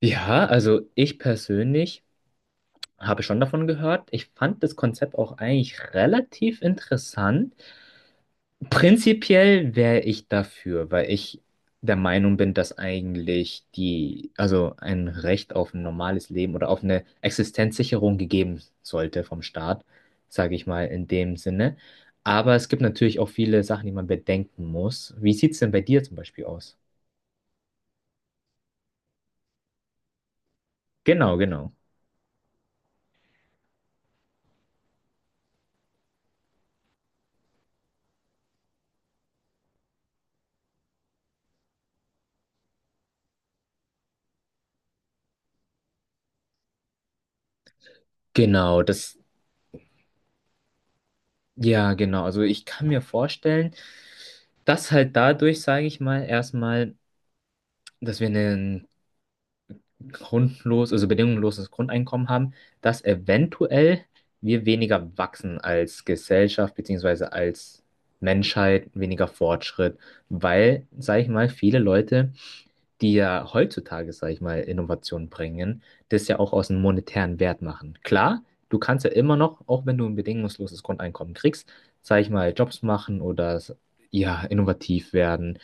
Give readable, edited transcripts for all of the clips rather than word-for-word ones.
Ja, also ich persönlich habe schon davon gehört. Ich fand das Konzept auch eigentlich relativ interessant. Prinzipiell wäre ich dafür, weil ich der Meinung bin, dass eigentlich die, also ein Recht auf ein normales Leben oder auf eine Existenzsicherung gegeben sollte vom Staat, sage ich mal in dem Sinne. Aber es gibt natürlich auch viele Sachen, die man bedenken muss. Wie sieht es denn bei dir zum Beispiel aus? Genau, genau. Genau, das, ja, genau. Also ich kann mir vorstellen, das halt dadurch, sage ich mal, erstmal, dass wir ein grundlos, also bedingungsloses Grundeinkommen haben, dass eventuell wir weniger wachsen als Gesellschaft beziehungsweise als Menschheit, weniger Fortschritt, weil, sage ich mal, viele Leute, die ja heutzutage, sage ich mal, Innovationen bringen, das ja auch aus einem monetären Wert machen. Klar, du kannst ja immer noch, auch wenn du ein bedingungsloses Grundeinkommen kriegst, sage ich mal, Jobs machen oder ja, innovativ werden,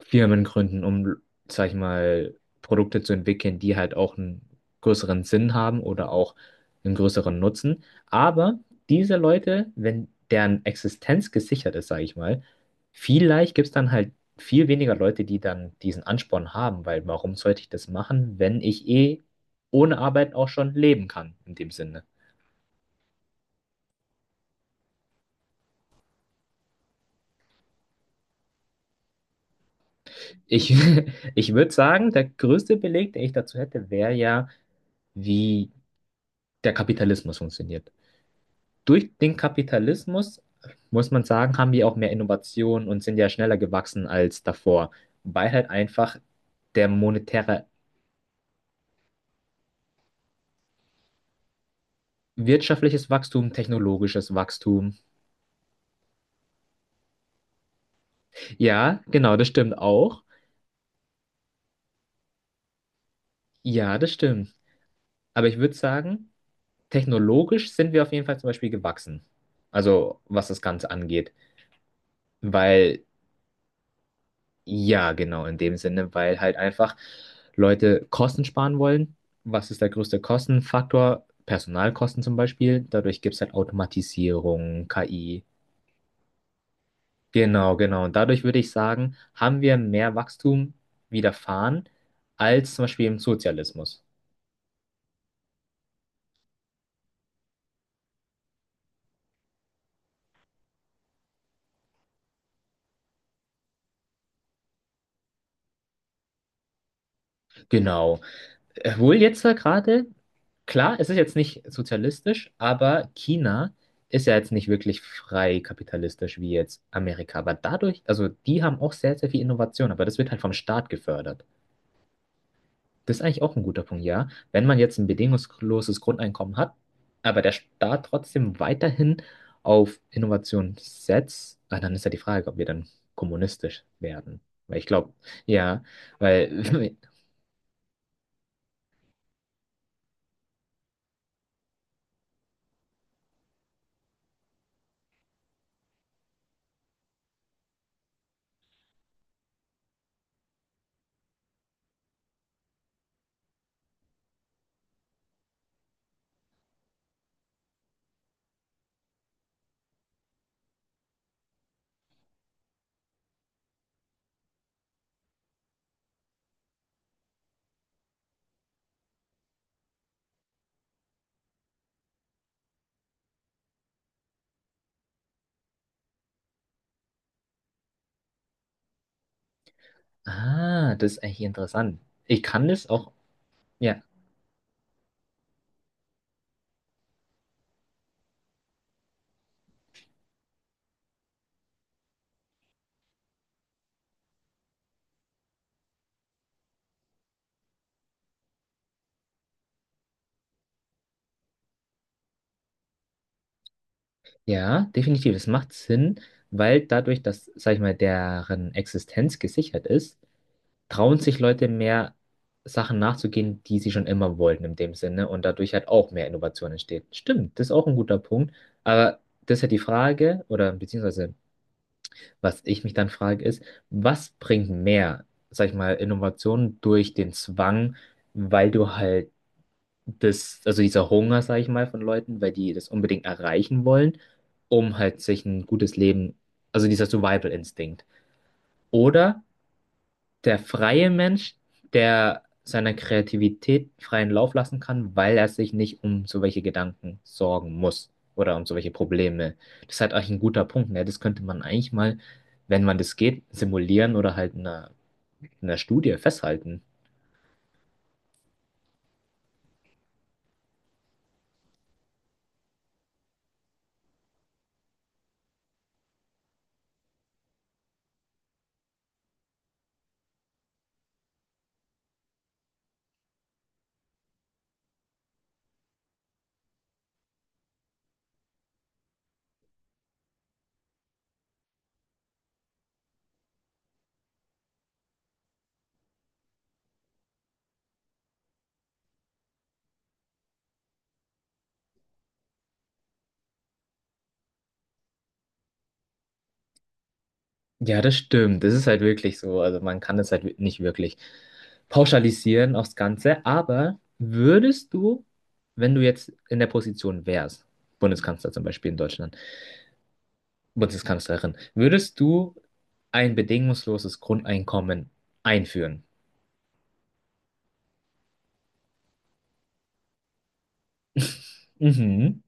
Firmen gründen, um, sag ich mal, Produkte zu entwickeln, die halt auch einen größeren Sinn haben oder auch einen größeren Nutzen. Aber diese Leute, wenn deren Existenz gesichert ist, sag ich mal, vielleicht gibt es dann halt viel weniger Leute, die dann diesen Ansporn haben, weil warum sollte ich das machen, wenn ich eh ohne Arbeit auch schon leben kann, in dem Sinne. Ich, ich würde sagen, der größte Beleg, den ich dazu hätte, wäre ja, wie der Kapitalismus funktioniert. Durch den Kapitalismus, muss man sagen, haben die auch mehr Innovationen und sind ja schneller gewachsen als davor, weil halt einfach der monetäre, wirtschaftliches Wachstum, technologisches Wachstum. Ja, genau, das stimmt auch. Ja, das stimmt. Aber ich würde sagen, technologisch sind wir auf jeden Fall zum Beispiel gewachsen. Also was das Ganze angeht. Weil ja, genau, in dem Sinne, weil halt einfach Leute Kosten sparen wollen. Was ist der größte Kostenfaktor? Personalkosten zum Beispiel. Dadurch gibt es halt Automatisierung, KI. Genau, genau. Und dadurch würde ich sagen, haben wir mehr Wachstum widerfahren als zum Beispiel im Sozialismus. Genau. Obwohl jetzt da gerade, klar, es ist jetzt nicht sozialistisch, aber China ist ja jetzt nicht wirklich frei kapitalistisch wie jetzt Amerika. Aber dadurch, also die haben auch sehr, sehr viel Innovation, aber das wird halt vom Staat gefördert. Das ist eigentlich auch ein guter Punkt, ja. Wenn man jetzt ein bedingungsloses Grundeinkommen hat, aber der Staat trotzdem weiterhin auf Innovation setzt, ah, dann ist ja die Frage, ob wir dann kommunistisch werden. Weil ich glaube, ja, weil ah, das ist eigentlich interessant. Ich kann das auch, ja, ja, definitiv. Es macht Sinn, weil dadurch, dass, sag ich mal, deren Existenz gesichert ist, trauen sich Leute mehr Sachen nachzugehen, die sie schon immer wollten in dem Sinne und dadurch halt auch mehr Innovation entsteht. Stimmt, das ist auch ein guter Punkt. Aber das ist ja die Frage, oder beziehungsweise was ich mich dann frage, ist, was bringt mehr, sag ich mal, Innovation durch den Zwang, weil du halt das, also dieser Hunger, sage ich mal, von Leuten, weil die das unbedingt erreichen wollen, um halt sich ein gutes Leben, also dieser Survival-Instinkt. Oder der freie Mensch, der seiner Kreativität freien Lauf lassen kann, weil er sich nicht um so welche Gedanken sorgen muss oder um so welche Probleme. Das ist halt eigentlich ein guter Punkt, ne? Das könnte man eigentlich mal, wenn man das geht, simulieren oder halt in einer Studie festhalten. Ja, das stimmt. Das ist halt wirklich so. Also man kann es halt nicht wirklich pauschalisieren aufs Ganze. Aber würdest du, wenn du jetzt in der Position wärst, Bundeskanzler zum Beispiel in Deutschland, Bundeskanzlerin, würdest du ein bedingungsloses Grundeinkommen einführen? Mhm.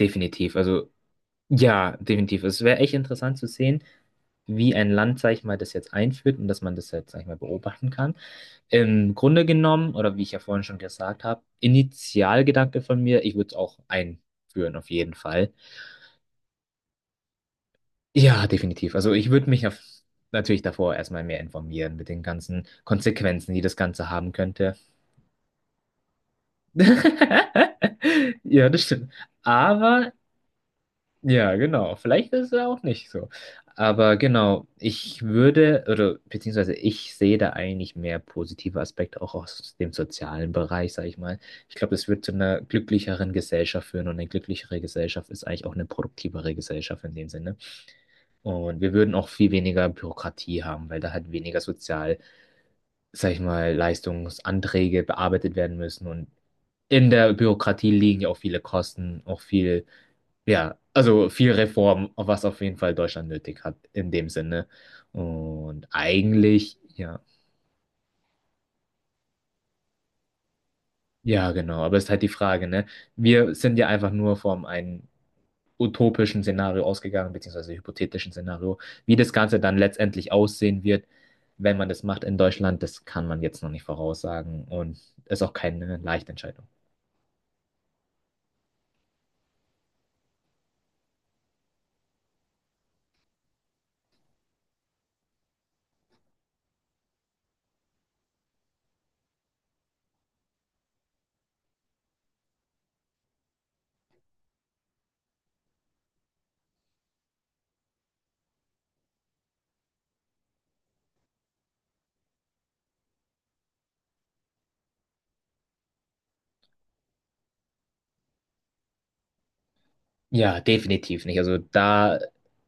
Definitiv. Also ja, definitiv. Es wäre echt interessant zu sehen, wie ein Land, sag ich mal, das jetzt einführt und dass man das jetzt, sag ich mal, beobachten kann. Im Grunde genommen, oder wie ich ja vorhin schon gesagt habe, Initialgedanke von mir, ich würde es auch einführen, auf jeden Fall. Ja, definitiv. Also ich würde mich auf, natürlich davor erstmal mehr informieren mit den ganzen Konsequenzen, die das Ganze haben könnte. Ja, das stimmt. Aber ja, genau. Vielleicht ist es ja auch nicht so. Aber genau, ich würde, oder beziehungsweise ich sehe da eigentlich mehr positive Aspekte auch aus dem sozialen Bereich, sage ich mal. Ich glaube, das wird zu einer glücklicheren Gesellschaft führen und eine glücklichere Gesellschaft ist eigentlich auch eine produktivere Gesellschaft in dem Sinne. Und wir würden auch viel weniger Bürokratie haben, weil da halt weniger sozial, sage ich mal, Leistungsanträge bearbeitet werden müssen. Und in der Bürokratie liegen ja auch viele Kosten, auch viel ja, also viel Reform, was auf jeden Fall Deutschland nötig hat, in dem Sinne. Und eigentlich, ja, ja, genau, aber es ist halt die Frage, ne? Wir sind ja einfach nur vom einem utopischen Szenario ausgegangen, beziehungsweise hypothetischen Szenario. Wie das Ganze dann letztendlich aussehen wird, wenn man das macht in Deutschland, das kann man jetzt noch nicht voraussagen und ist auch keine leichte Entscheidung. Ja, definitiv nicht. Also da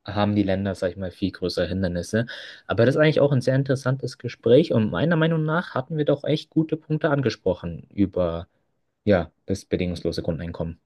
haben die Länder, sag ich mal, viel größere Hindernisse. Aber das ist eigentlich auch ein sehr interessantes Gespräch und meiner Meinung nach hatten wir doch echt gute Punkte angesprochen über, ja, das bedingungslose Grundeinkommen.